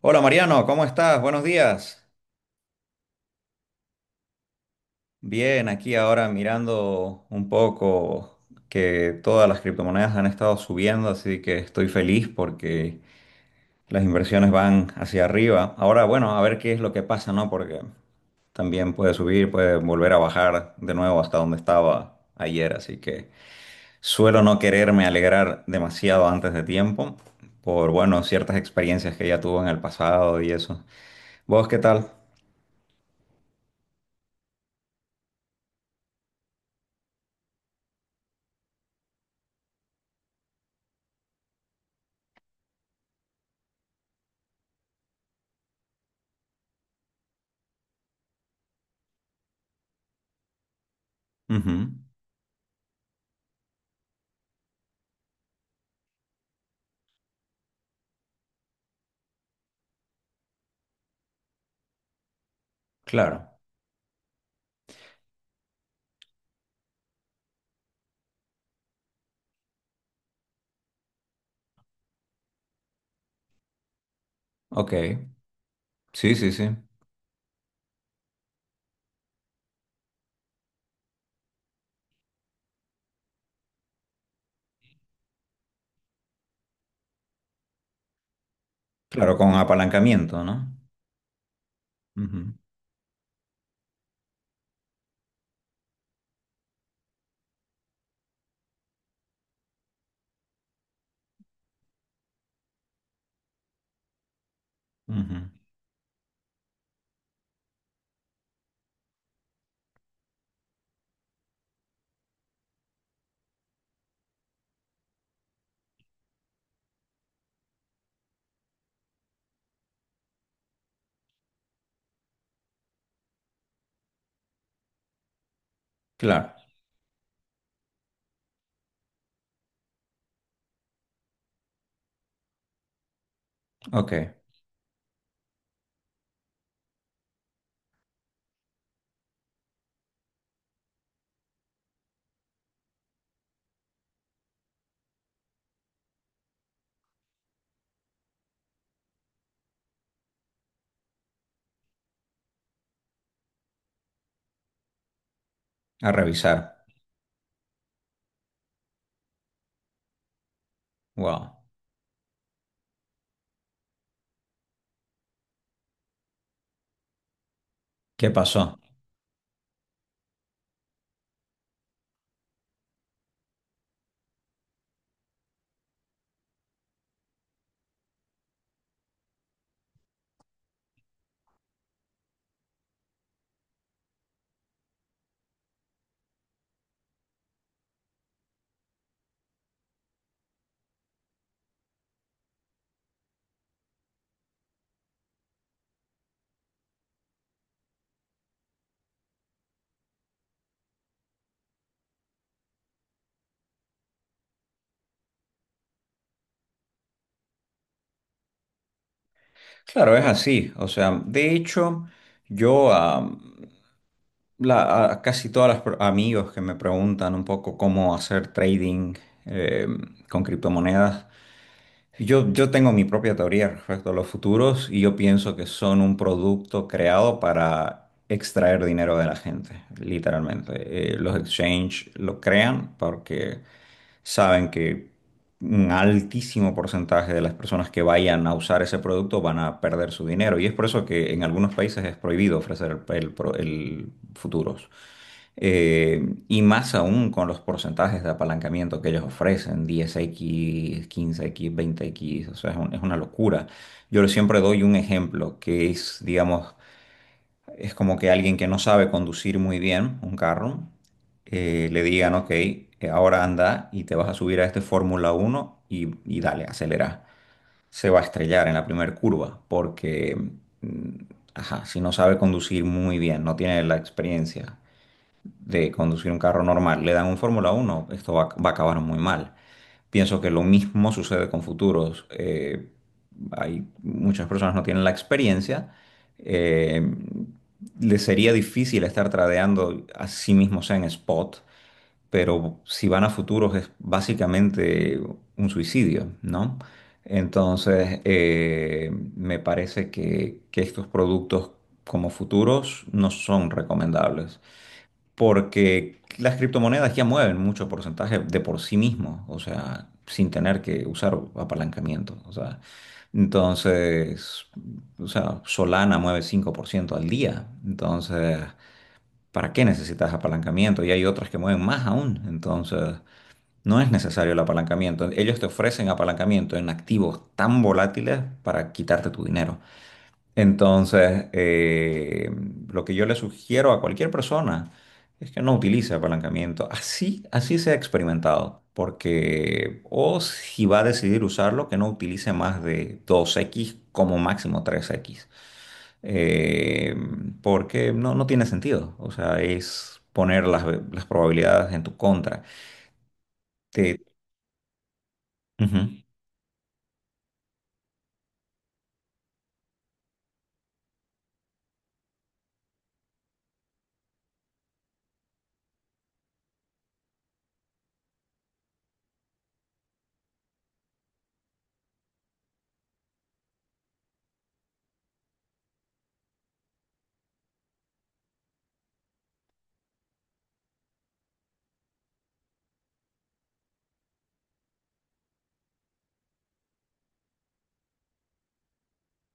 Hola Mariano, ¿cómo estás? Buenos días. Bien, aquí ahora mirando un poco que todas las criptomonedas han estado subiendo, así que estoy feliz porque las inversiones van hacia arriba. Ahora, bueno, a ver qué es lo que pasa, ¿no? Porque también puede subir, puede volver a bajar de nuevo hasta donde estaba ayer, así que suelo no quererme alegrar demasiado antes de tiempo por, bueno, ciertas experiencias que ya tuve en el pasado y eso. ¿Vos qué tal? Ujú, claro. Ok, sí, sí, sí. Claro, con apalancamiento, no. Ujú, ujú. Claro, ok. A revisar. Wow. ¿Qué pasó? Claro, es así. O sea, de hecho, yo a, a casi todas amigos que me preguntan un poco cómo hacer trading eh, con criptomonedas. Yo tengo mi propia teoría respecto a los futuros y yo pienso que son un producto creado para extraer dinero de la gente, literalmente. Los exchange lo crean porque saben que un altísimo porcentaje de las personas que vayan a usar ese producto van a perder su dinero y es por eso que en algunos países es prohibido ofrecer el futuros. Y más aún con los porcentajes de apalancamiento que ellos ofrecen, 10x 15x 20x, o sea, es una locura. Yo siempre doy un ejemplo que es, digamos, es como que alguien que no sabe conducir muy bien un carro, le digan, ok, ahora anda y te vas a subir a este Fórmula uno y dale, acelera. Se va a estrellar en la primera curva porque, mm, ajá, si no sabe conducir muy bien, no tiene la experiencia de conducir un carro normal, le dan un Fórmula uno, esto va a acabar muy mal. Pienso que lo mismo sucede con futuros. Hay muchas personas no tienen la experiencia. eh, Les sería difícil estar tradeando a sí mismos en spot, pero si van a futuros es básicamente un suicidio, ¿no? Entonces, me parece que estos productos como futuros no son recomendables porque las criptomonedas ya mueven mucho porcentaje de por sí mismo, o sea, sin tener que usar apalancamiento, o sea, entonces, o sea, Solana mueve 5% al día, entonces, ¿para qué necesitas apalancamiento? Y hay otras que mueven más aún, entonces, no es necesario el apalancamiento. Ellos te ofrecen apalancamiento en activos tan volátiles para quitarte tu dinero. Entonces, lo que yo le sugiero a cualquier persona es que no utilice apalancamiento. Así, así se ha experimentado. Porque, o si va a decidir usarlo, que no utilice más de 2x como máximo 3x. Eh, Porque no tiene sentido. O sea, es poner las probabilidades en tu contra. Te, Ujú,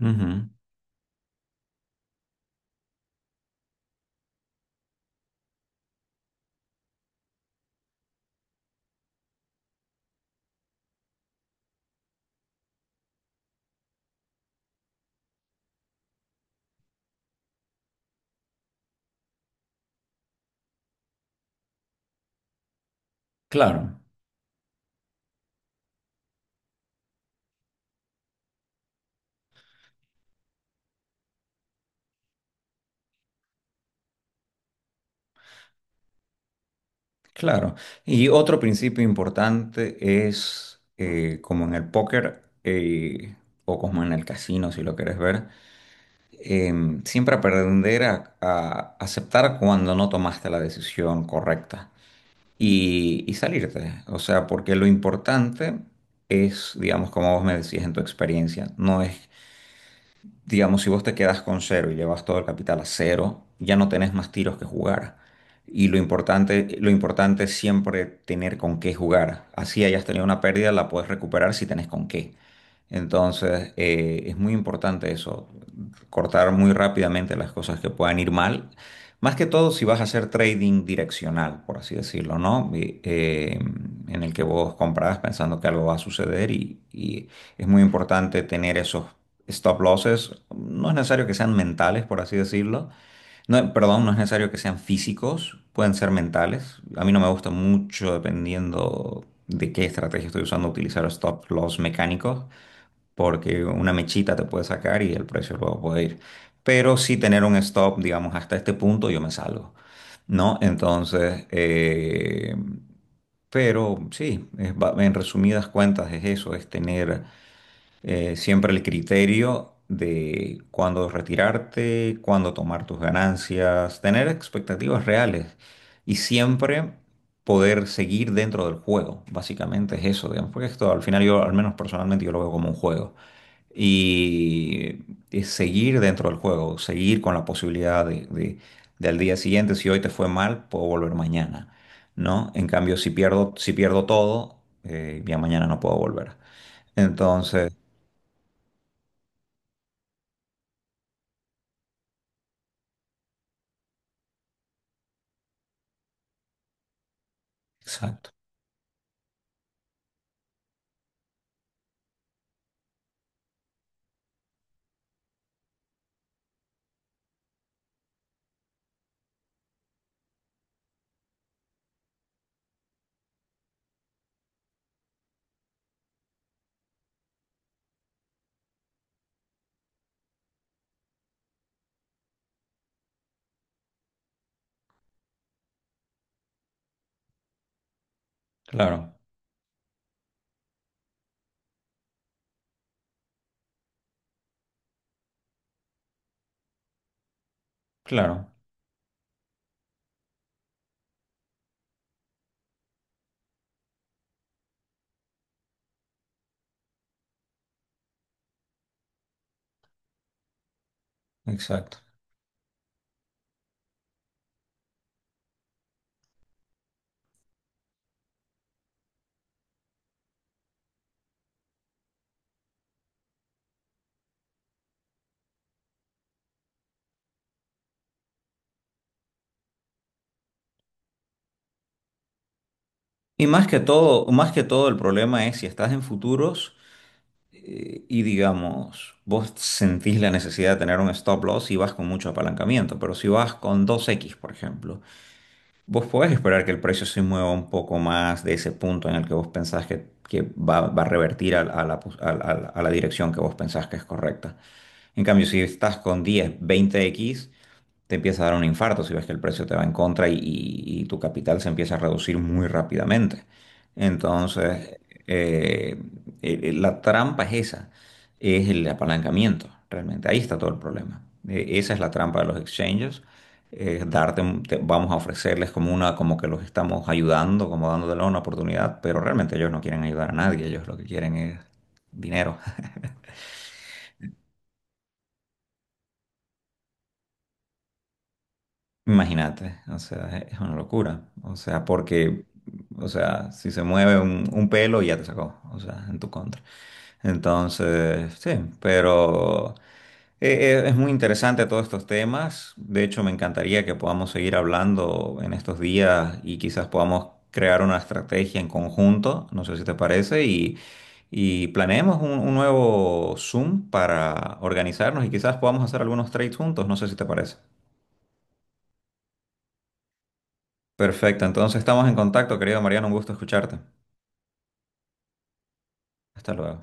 ujú. Claro. Claro. Y otro principio importante es, como en el póker, o como en el casino, si lo quieres ver, siempre aprender a aceptar cuando no tomaste la decisión correcta y salirte. O sea, porque lo importante es, digamos, como vos me decías en tu experiencia, no es, digamos, si vos te quedas con cero y llevas todo el capital a cero, ya no tenés más tiros que jugar. Y lo importante es siempre tener con qué jugar. Así hayas tenido una pérdida, la puedes recuperar si tenés con qué. Entonces, es muy importante eso, cortar muy rápidamente las cosas que puedan ir mal. Más que todo si vas a hacer trading direccional, por así decirlo, ¿no? En el que vos compras pensando que algo va a suceder y es muy importante tener esos stop losses, no es necesario que sean mentales, por así decirlo. No, perdón, no es necesario que sean físicos, pueden ser mentales. A mí no me gusta mucho, dependiendo de qué estrategia estoy usando, utilizar stop loss mecánicos, porque una mechita te puede sacar y el precio luego puede ir. Pero sí tener un stop, digamos, hasta este punto yo me salgo, ¿no? Entonces, pero sí, en resumidas cuentas es eso, es tener siempre el criterio de cuándo retirarte, cuándo tomar tus ganancias, tener expectativas reales y siempre poder seguir dentro del juego. Básicamente es eso, digamos, porque esto al final yo, al menos personalmente, yo lo veo como un juego. Y es seguir dentro del juego, seguir con la posibilidad de al día siguiente, si hoy te fue mal, puedo volver mañana, ¿no? En cambio, si pierdo todo, ya mañana no puedo volver. Entonces, exacto, claro, claro, exacto. Y más que todo el problema es si estás en futuros, y digamos, vos sentís la necesidad de tener un stop loss y vas con mucho apalancamiento, pero si vas con 2x por ejemplo, vos podés esperar que el precio se mueva un poco más de ese punto en el que vos pensás que va, a revertir a la dirección que vos pensás que es correcta. En cambio, si estás con 10, 20x te empieza a dar un infarto si ves que el precio te va en contra y tu capital se empieza a reducir muy rápidamente. Entonces, eh, la trampa es esa, es el apalancamiento, realmente. Ahí está todo el problema. Esa es la trampa de los exchanges. Darte, vamos a ofrecerles como una, como que los estamos ayudando, como dándoles una oportunidad, pero realmente ellos no quieren ayudar a nadie, ellos lo que quieren es dinero. Imagínate, o sea, es una locura. O sea, porque, o sea, si se mueve un pelo ya te sacó, o sea, en tu contra. Entonces, sí, pero es muy interesante todos estos temas. De hecho, me encantaría que podamos seguir hablando en estos días y quizás podamos crear una estrategia en conjunto, no sé si te parece, y planeemos un nuevo Zoom para organizarnos y quizás podamos hacer algunos trades juntos, no sé si te parece. Perfecto, entonces estamos en contacto, querido Mariano, un gusto escucharte. Hasta luego.